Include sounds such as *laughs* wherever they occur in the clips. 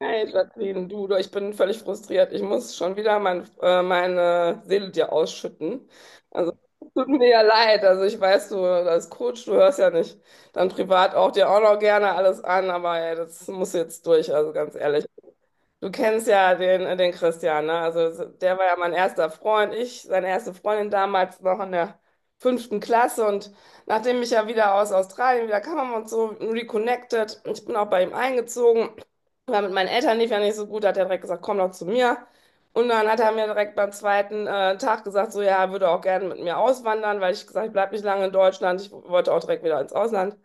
Hey Jacqueline, du, ich bin völlig frustriert. Ich muss schon wieder meine Seele dir ausschütten. Also tut mir ja leid. Also ich weiß, du als Coach, du hörst ja nicht dann privat auch dir auch noch gerne alles an, aber ja, das muss jetzt durch, also ganz ehrlich. Du kennst ja den Christian, ne? Also der war ja mein erster Freund, seine erste Freundin damals noch in der fünften Klasse. Und nachdem ich ja wieder aus Australien wieder kam, haben wir uns so reconnected. Ich bin auch bei ihm eingezogen. Weil mit meinen Eltern lief ja nicht so gut, da hat er direkt gesagt, komm doch zu mir. Und dann hat er mir direkt beim zweiten Tag gesagt, so ja, er würde auch gerne mit mir auswandern, weil ich gesagt, ich bleibe nicht lange in Deutschland, ich wollte auch direkt wieder ins Ausland.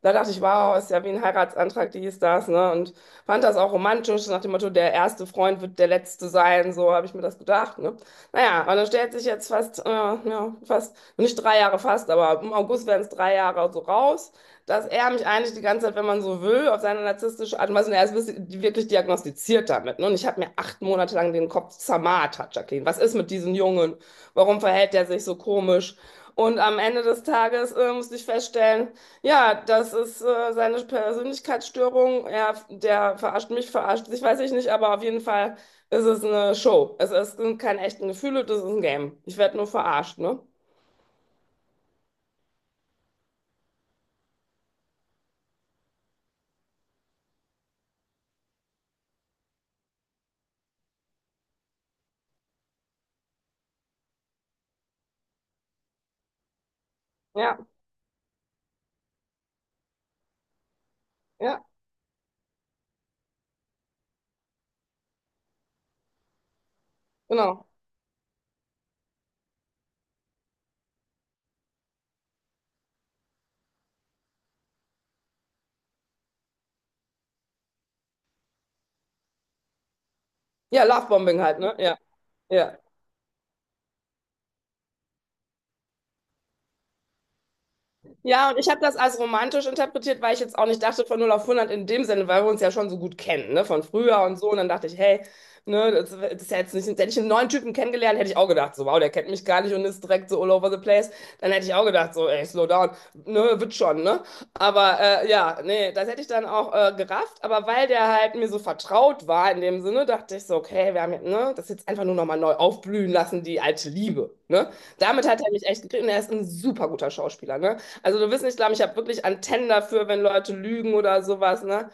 Da dachte ich, wow, ist ja wie ein Heiratsantrag, dies, das, ne? Und fand das auch romantisch, so nach dem Motto, der erste Freund wird der letzte sein, so habe ich mir das gedacht, ne? Naja, und dann stellt sich jetzt fast, nicht 3 Jahre fast, aber im August werden es 3 Jahre so raus, dass er mich eigentlich die ganze Zeit, wenn man so will, auf seine narzisstische Art und Weise, und er ist wirklich wirklich diagnostiziert damit, ne? Und ich habe mir 8 Monate lang den Kopf zermartert, Jacqueline. Was ist mit diesem Jungen? Warum verhält er sich so komisch? Und am Ende des Tages, musste ich feststellen, ja, das ist seine Persönlichkeitsstörung. Er, der verarscht mich, verarscht sich, weiß ich nicht, aber auf jeden Fall ist es eine Show. Es sind keine echten Gefühle, das ist ein Game. Ich werde nur verarscht, ne? Ja, ja, genau. Ja, Lovebombing halt, ne? Ja, ja. Ja, und ich habe das als romantisch interpretiert, weil ich jetzt auch nicht dachte von null auf hundert in dem Sinne, weil wir uns ja schon so gut kennen, ne, von früher und so. Und dann dachte ich, hey, ne, das ist ja jetzt nicht, hätte ich einen neuen Typen kennengelernt, hätte ich auch gedacht, so, wow, der kennt mich gar nicht und ist direkt so all over the place. Dann hätte ich auch gedacht, so, ey, slow down, ne, wird schon, ne? Aber ja, nee, das hätte ich dann auch gerafft. Aber weil der halt mir so vertraut war in dem Sinne, dachte ich so, okay, wir haben jetzt, ne, das jetzt einfach nur nochmal neu aufblühen lassen, die alte Liebe, ne? Damit hat er mich echt gekriegt und er ist ein super guter Schauspieler, ne? Also du wirst nicht glauben, ich habe wirklich Antennen dafür, wenn Leute lügen oder sowas, ne?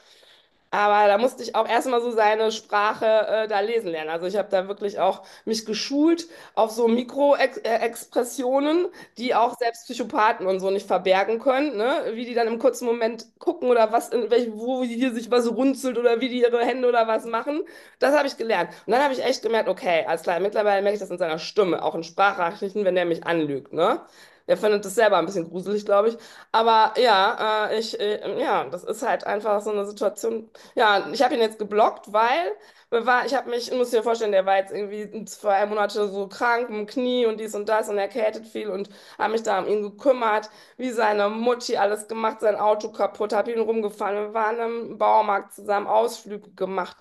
Aber da musste ich auch erstmal so seine Sprache da lesen lernen. Also ich habe da wirklich auch mich geschult auf so Mikroexpressionen, die auch selbst Psychopathen und so nicht verbergen können, ne? Wie die dann im kurzen Moment gucken oder was in welch, wo hier sich was runzelt oder wie die ihre Hände oder was machen. Das habe ich gelernt. Und dann habe ich echt gemerkt, okay, alles klar, mittlerweile merke ich das in seiner Stimme, auch in Sprachnachrichten, wenn der mich anlügt, ne? Der findet das selber ein bisschen gruselig, glaube ich. Aber ja, ja, das ist halt einfach so eine Situation. Ja, ich habe ihn jetzt geblockt, weil ich muss dir vorstellen, der war jetzt irgendwie 2 Monate so krank im Knie und dies und das und erkältet viel und habe mich da um ihn gekümmert, wie seine Mutti alles gemacht, sein Auto kaputt, habe ihn rumgefahren. Wir waren im Baumarkt zusammen, Ausflüge gemacht,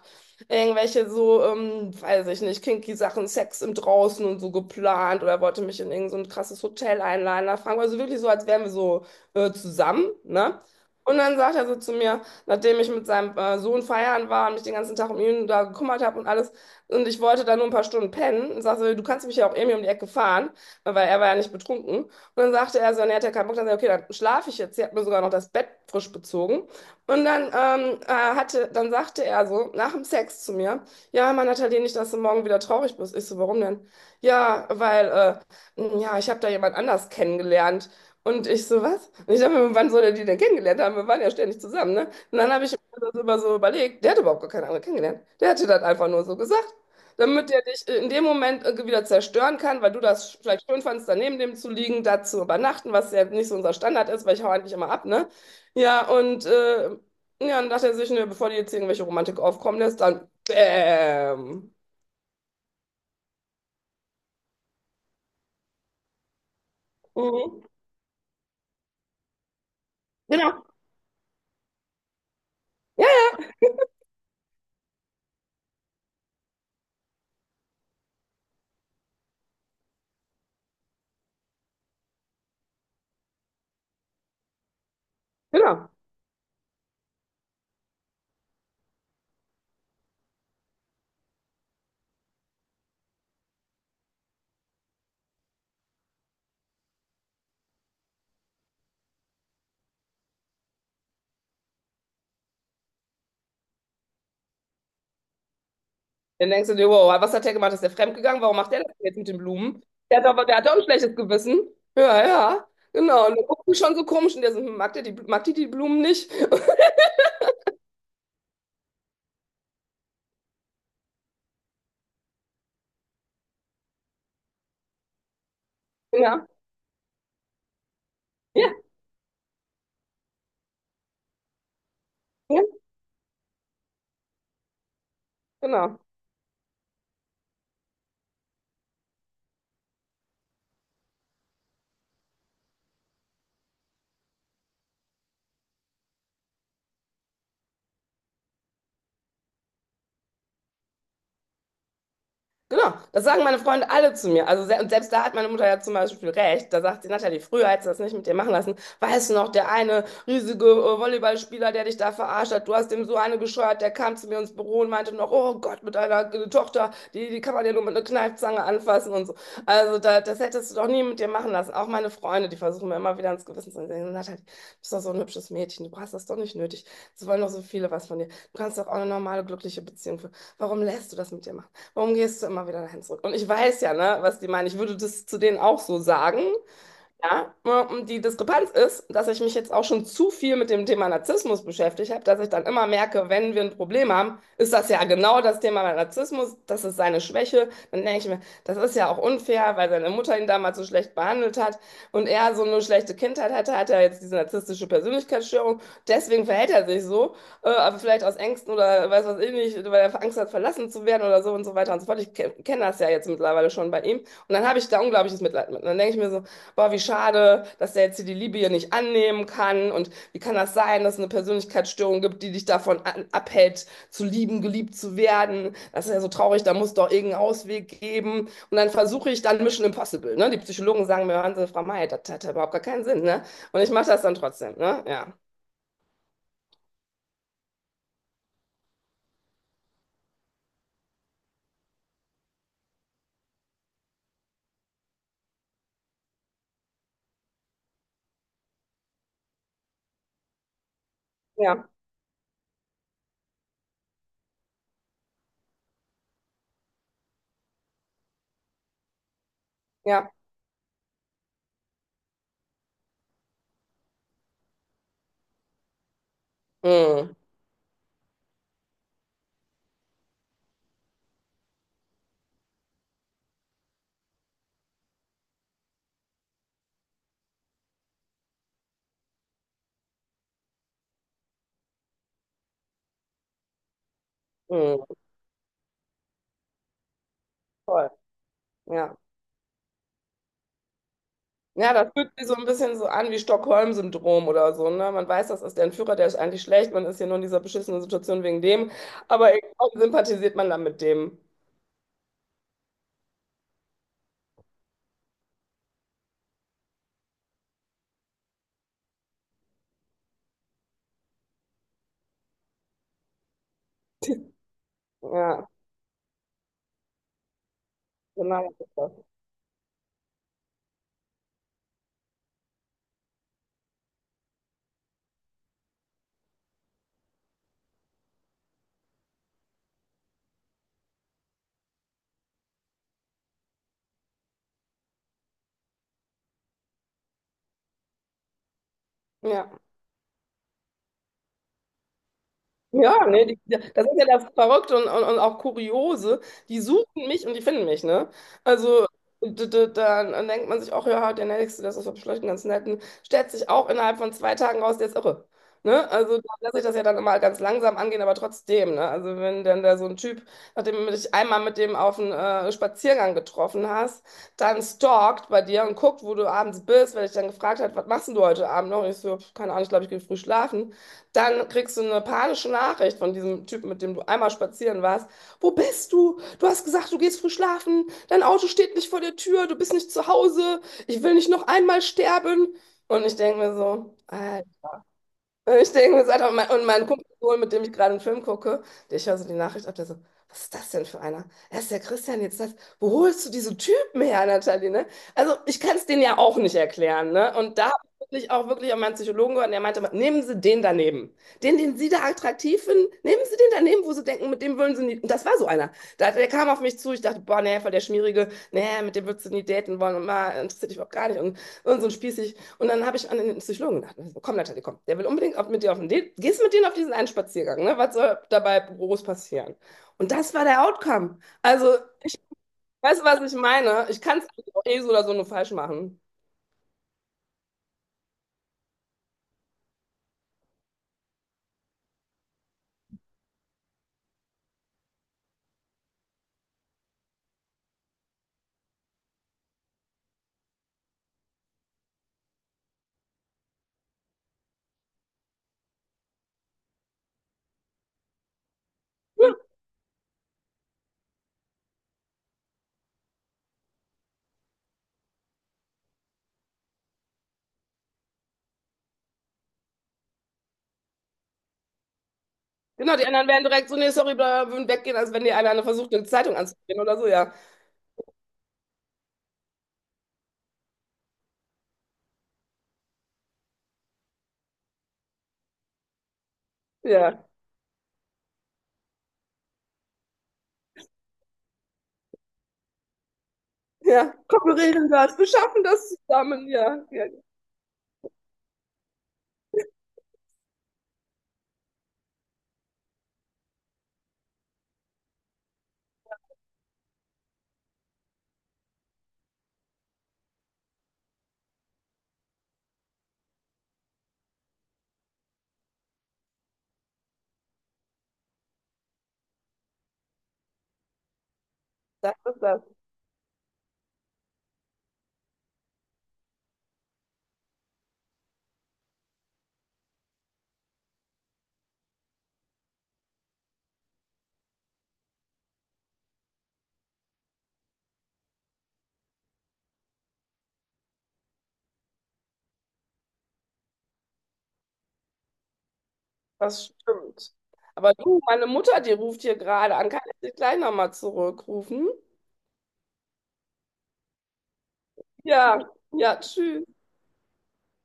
irgendwelche so, weiß ich nicht, kinky Sachen, Sex im Draußen und so geplant oder wollte mich in irgend so ein krasses Hotel einladen. Da fragen also wirklich so, als wären wir so zusammen, ne? Und dann sagt er so zu mir, nachdem ich mit seinem Sohn feiern war und mich den ganzen Tag um ihn da gekümmert habe und alles. Und ich wollte da nur ein paar Stunden pennen und sagte, so, du kannst mich ja auch irgendwie um die Ecke fahren, weil er war ja nicht betrunken. Und dann sagte er so, und er hat ja keinen Bock, dann sagte er okay, dann schlafe ich jetzt. Sie hat mir sogar noch das Bett frisch bezogen. Und dann, dann sagte er so, nach dem Sex zu mir, ja, Mann, Nathalie, nicht, dass du morgen wieder traurig bist. Ich so, warum denn? Ja, ja, ich habe da jemand anders kennengelernt. Und ich so, was? Und ich dachte mir, wann soll er die denn kennengelernt haben? Wir waren ja ständig zusammen, ne? Und dann habe ich mir das immer so überlegt, der hat überhaupt gar keine andere kennengelernt. Der hat dir das einfach nur so gesagt, damit er dich in dem Moment irgendwie wieder zerstören kann, weil du das vielleicht schön fandst, daneben dem zu liegen, da zu übernachten, was ja nicht so unser Standard ist, weil ich hau eigentlich immer ab, ne? Ja, und ja, dann dachte er sich, ne, bevor die jetzt irgendwelche Romantik aufkommen lässt, dann bäm. Mhm. Genau. Ja, ja, genau. Dann denkst du dir, wow, was hat der gemacht? Ist der fremdgegangen? Warum macht der das jetzt mit den Blumen? Der hat doch ein schlechtes Gewissen. Ja, ja, genau. Und dann guckst du schon so komisch und der so, hm, mag der die, mag die die Blumen nicht? *laughs* Ja, ja, ja, genau. Genau, das sagen meine Freunde alle zu mir. Also se und selbst da hat meine Mutter ja zum Beispiel recht. Da sagt sie, Natalie, früher hättest du das nicht mit dir machen lassen. Weißt du noch, der eine riesige Volleyballspieler, der dich da verarscht hat, du hast dem so eine gescheuert, der kam zu mir ins Büro und meinte noch, oh Gott, mit deiner Tochter, die, die kann man ja nur mit einer Kneifzange anfassen und so. Also da, das hättest du doch nie mit dir machen lassen. Auch meine Freunde, die versuchen mir immer wieder ins Gewissen zu sagen, Natalie, du bist doch so ein hübsches Mädchen, du hast das doch nicht nötig. Es wollen doch so viele was von dir. Du kannst doch auch eine normale, glückliche Beziehung führen. Warum lässt du das mit dir machen? Warum gehst du immer wieder dahin zurück? Und ich weiß ja, ne, was die meinen. Ich würde das zu denen auch so sagen. Ja, und die Diskrepanz ist, dass ich mich jetzt auch schon zu viel mit dem Thema Narzissmus beschäftigt habe, dass ich dann immer merke, wenn wir ein Problem haben, ist das ja genau das Thema bei Narzissmus, das ist seine Schwäche. Dann denke ich mir, das ist ja auch unfair, weil seine Mutter ihn damals so schlecht behandelt hat und er so eine schlechte Kindheit hatte, hat er jetzt diese narzisstische Persönlichkeitsstörung. Deswegen verhält er sich so, aber vielleicht aus Ängsten oder weiß was ich nicht, weil er Angst hat, verlassen zu werden oder so und so weiter und so fort. Ich kenne das ja jetzt mittlerweile schon bei ihm. Und dann habe ich da unglaubliches Mitleid mit. Und dann denke ich mir so, boah, wie schade, dass der jetzt hier die Liebe hier nicht annehmen kann. Und wie kann das sein, dass es eine Persönlichkeitsstörung gibt, die dich davon abhält, zu lieben, geliebt zu werden? Das ist ja so traurig, da muss doch irgendeinen Ausweg geben. Und dann versuche ich dann Mission Impossible. Ne? Die Psychologen sagen mir, hören Sie, Frau May, das hat ja überhaupt gar keinen Sinn. Ne? Und ich mache das dann trotzdem. Ne? Ja, ja, ja. Mm, mm, toll. Ja. Ja, das fühlt sich so ein bisschen so an wie Stockholm-Syndrom oder so, ne? Man weiß, das ist der Entführer, der ist eigentlich schlecht, man ist hier nur in dieser beschissenen Situation wegen dem, aber irgendwie sympathisiert man dann mit dem. Ja, genau. Das ist das. Ja. Ja, ne, die, das ist ja das Verrückte und, auch Kuriose. Die suchen mich und die finden mich, ne? Also dann denkt man sich auch, ja, der Nächste, das ist doch vielleicht ein ganz netten, stellt sich auch innerhalb von 2 Tagen raus, der ist irre. Ne? Also da lässt sich das ja dann immer ganz langsam angehen, aber trotzdem, ne? Also wenn dann da so ein Typ, nachdem du dich einmal mit dem auf einen Spaziergang getroffen hast, dann stalkt bei dir und guckt, wo du abends bist, weil ich dann gefragt hat, was machst denn du heute Abend noch? Und ich so, keine Ahnung, ich glaube, ich gehe früh schlafen. Dann kriegst du eine panische Nachricht von diesem Typen, mit dem du einmal spazieren warst. Wo bist du? Du hast gesagt, du gehst früh schlafen. Dein Auto steht nicht vor der Tür. Du bist nicht zu Hause. Ich will nicht noch einmal sterben. Und ich denke mir so, Alter. Ich denke mir das einfach, und mein Kumpel, mit dem ich gerade einen Film gucke, der ich höre so die Nachricht ab, der so, was ist das denn für einer? Er ist der Christian jetzt das. Wo holst du diese Typen her, Nathalie, ne? Also ich kann es denen ja auch nicht erklären, ne? Und da habe ich wirklich auch wirklich an meinen Psychologen gehört, und der meinte, immer, nehmen Sie den daneben. Den, den Sie da attraktiv finden, nehmen Sie den daneben, wo Sie denken, mit dem würden Sie nie. Und das war so einer. Da, der kam auf mich zu, ich dachte, boah, nee, voll der Schmierige, nee, mit dem würdest du nie daten wollen und mal interessiert dich überhaupt gar nicht. Und so ein Spießig. Und dann habe ich an den Psychologen gedacht, also, komm Natalie, komm, der will unbedingt auf, mit dir auf den Date, gehst mit denen auf diesen einen Spaziergang, ne? Was soll dabei groß passieren? Und das war der Outcome. Also, weißt du, was ich meine? Ich kann es auch eh so oder so nur falsch machen. Genau, die anderen wären direkt so, nee, sorry, bla, bla, würden weggehen, als wenn die eine versucht, eine Zeitung anzudrehen oder so, ja. Ja, ja, komm, wir regeln das, wir schaffen das zusammen, ja. Ja. Das ist das, das stimmt. Aber du, meine Mutter, die ruft hier gerade an, kann ich dich gleich nochmal zurückrufen? Ja, ja, tschüss.